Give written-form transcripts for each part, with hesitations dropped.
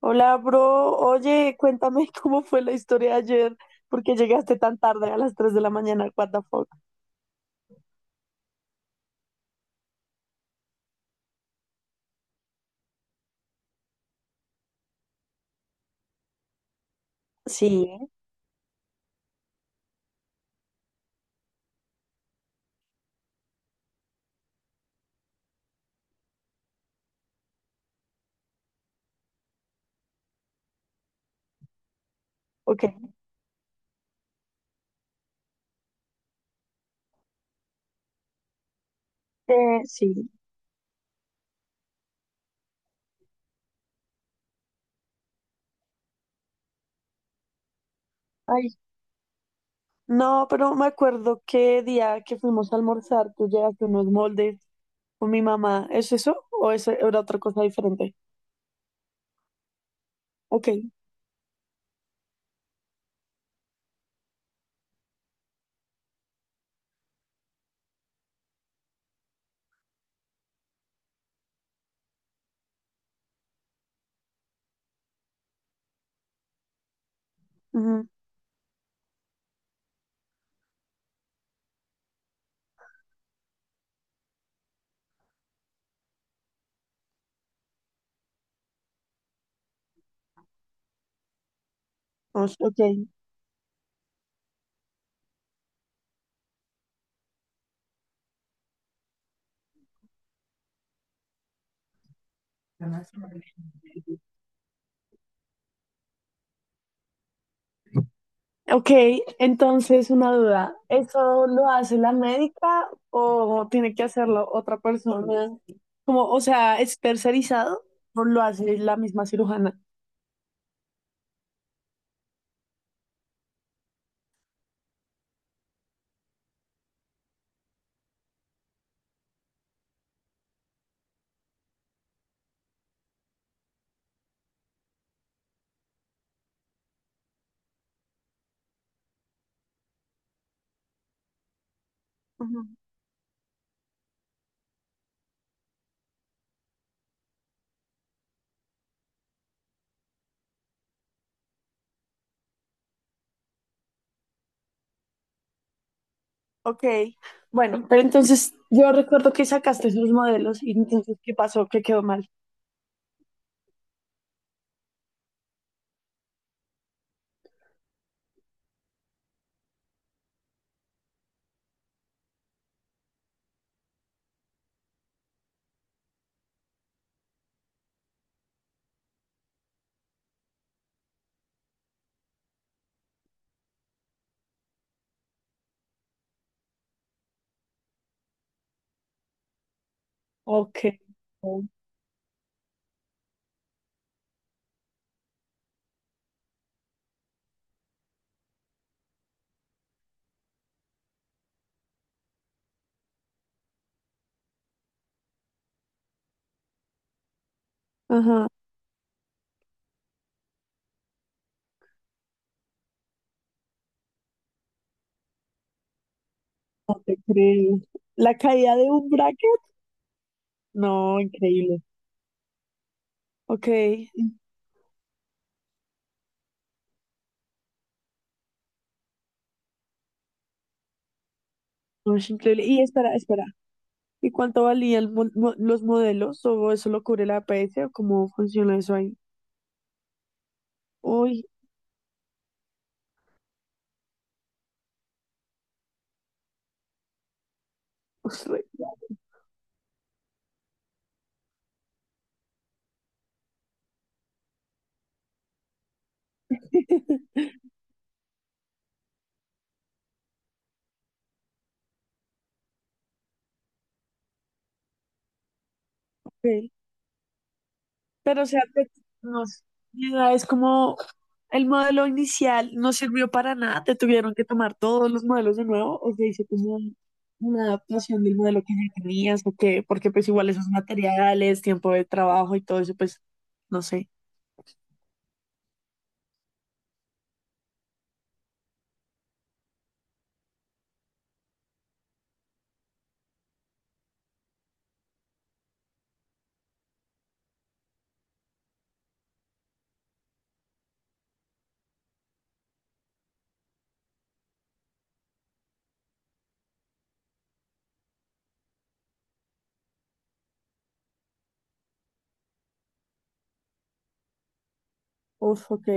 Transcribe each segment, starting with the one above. Hola, bro. Oye, cuéntame cómo fue la historia de ayer, porque llegaste tan tarde a las 3 de la mañana. What the fuck? Sí. Ok. Sí. Ay, no, pero me acuerdo qué día que fuimos a almorzar, tú llegaste unos moldes con mi mamá. ¿Es eso o eso era otra cosa diferente? Ok. Ujú, no. Ok. Ok, entonces una duda, ¿eso lo hace la médica o tiene que hacerlo otra persona? Como, o sea, ¿es tercerizado o lo hace la misma cirujana? Ujú. Ok, bueno, pero entonces yo recuerdo que sacaste esos modelos y entonces, ¿qué pasó? ¿Qué quedó mal? Ok. Ajá. Increíble. ¿La caída de un bracket? No, increíble. Ok. No, es increíble. Y espera, espera, ¿y cuánto valían los modelos? ¿O eso lo cubre la APS? ¿O cómo funciona eso ahí? Uy, pues, ok. Pero o sea, no sé, mi idea es como el modelo inicial no sirvió para nada, te tuvieron que tomar todos los modelos de nuevo, o se hizo como una adaptación del modelo que ya tenías, o qué, porque pues igual esos materiales, tiempo de trabajo y todo eso, pues no sé. Uf, ok.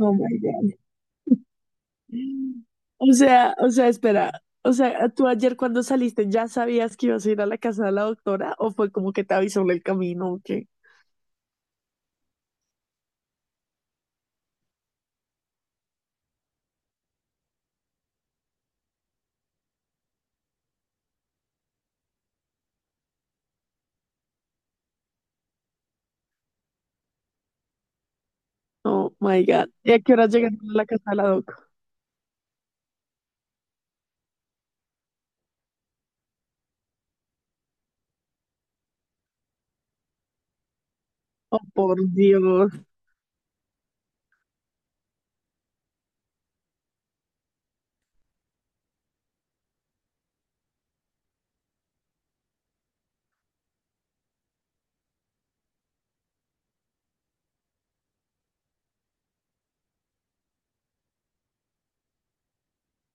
Oh my God. O sea, espera. O sea, ¿tú ayer cuando saliste ya sabías que ibas a ir a la casa de la doctora o fue como que te avisó en el camino o qué? Oh my God. ¿Y a qué hora llegaron a la casa de la doc? Oh, por Dios.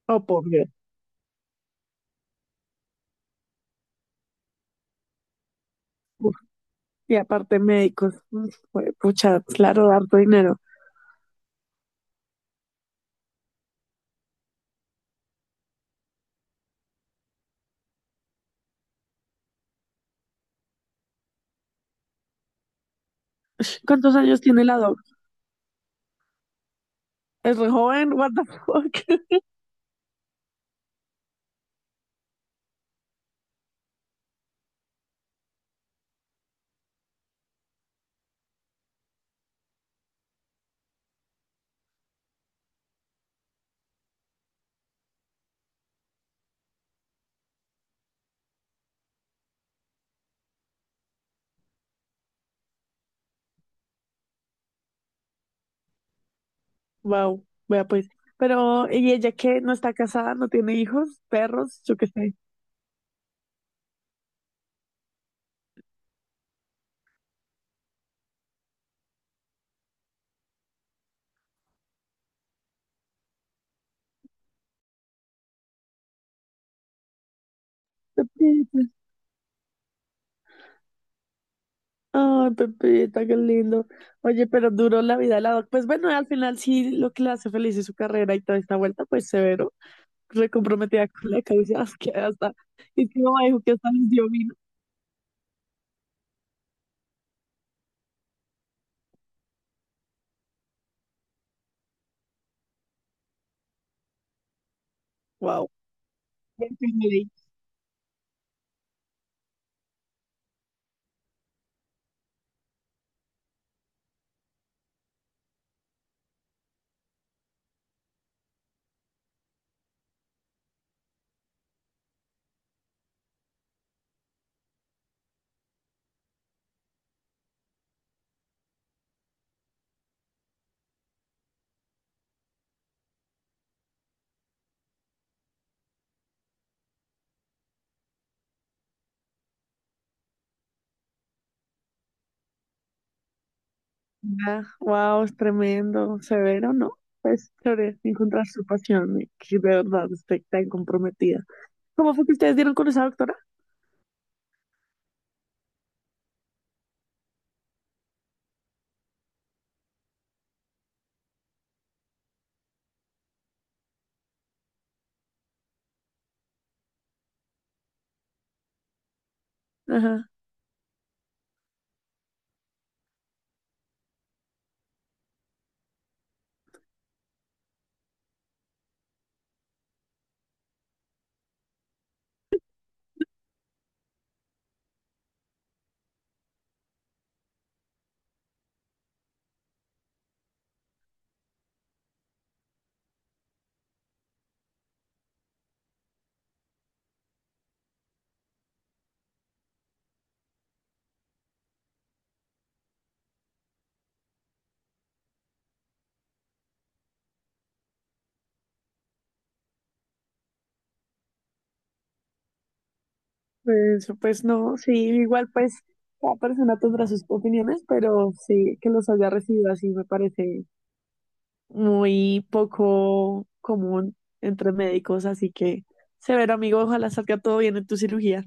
Oh, por Dios. Uf. Y aparte médicos. Mm, Pucha, claro, harto dinero. ¿Cuántos años tiene la doc? Es re joven, what the fuck. Wow, vea pues. Pero, ¿y ella qué? ¿No está casada? ¿No tiene hijos? ¿Perros? Yo qué sé. Ay, Pepita, qué lindo. Oye, pero duró la vida de la doc. Pues bueno, al final sí lo que le hace feliz es su carrera y toda esta vuelta, pues severo, recomprometida con la causa, que hasta, y que mamá dijo que hasta les dio vino. Wow. Wow, es tremendo, severo, ¿no? Pues chévere encontrar su pasión y que de verdad esté tan comprometida. ¿Cómo fue que ustedes dieron con esa doctora? Ajá. Pues, pues no, sí, igual pues cada persona tendrá sus opiniones, pero sí que los haya recibido así me parece muy poco común entre médicos, así que severo amigo, ojalá salga todo bien en tu cirugía.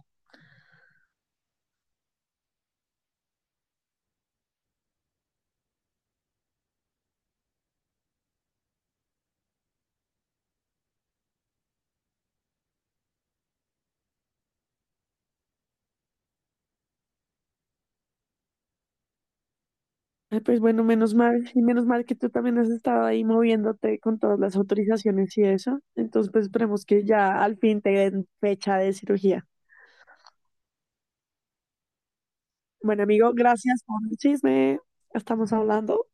Ay, pues bueno, menos mal, y menos mal que tú también has estado ahí moviéndote con todas las autorizaciones y eso. Entonces, pues esperemos que ya al fin te den fecha de cirugía. Bueno, amigo, gracias por el chisme. Estamos hablando.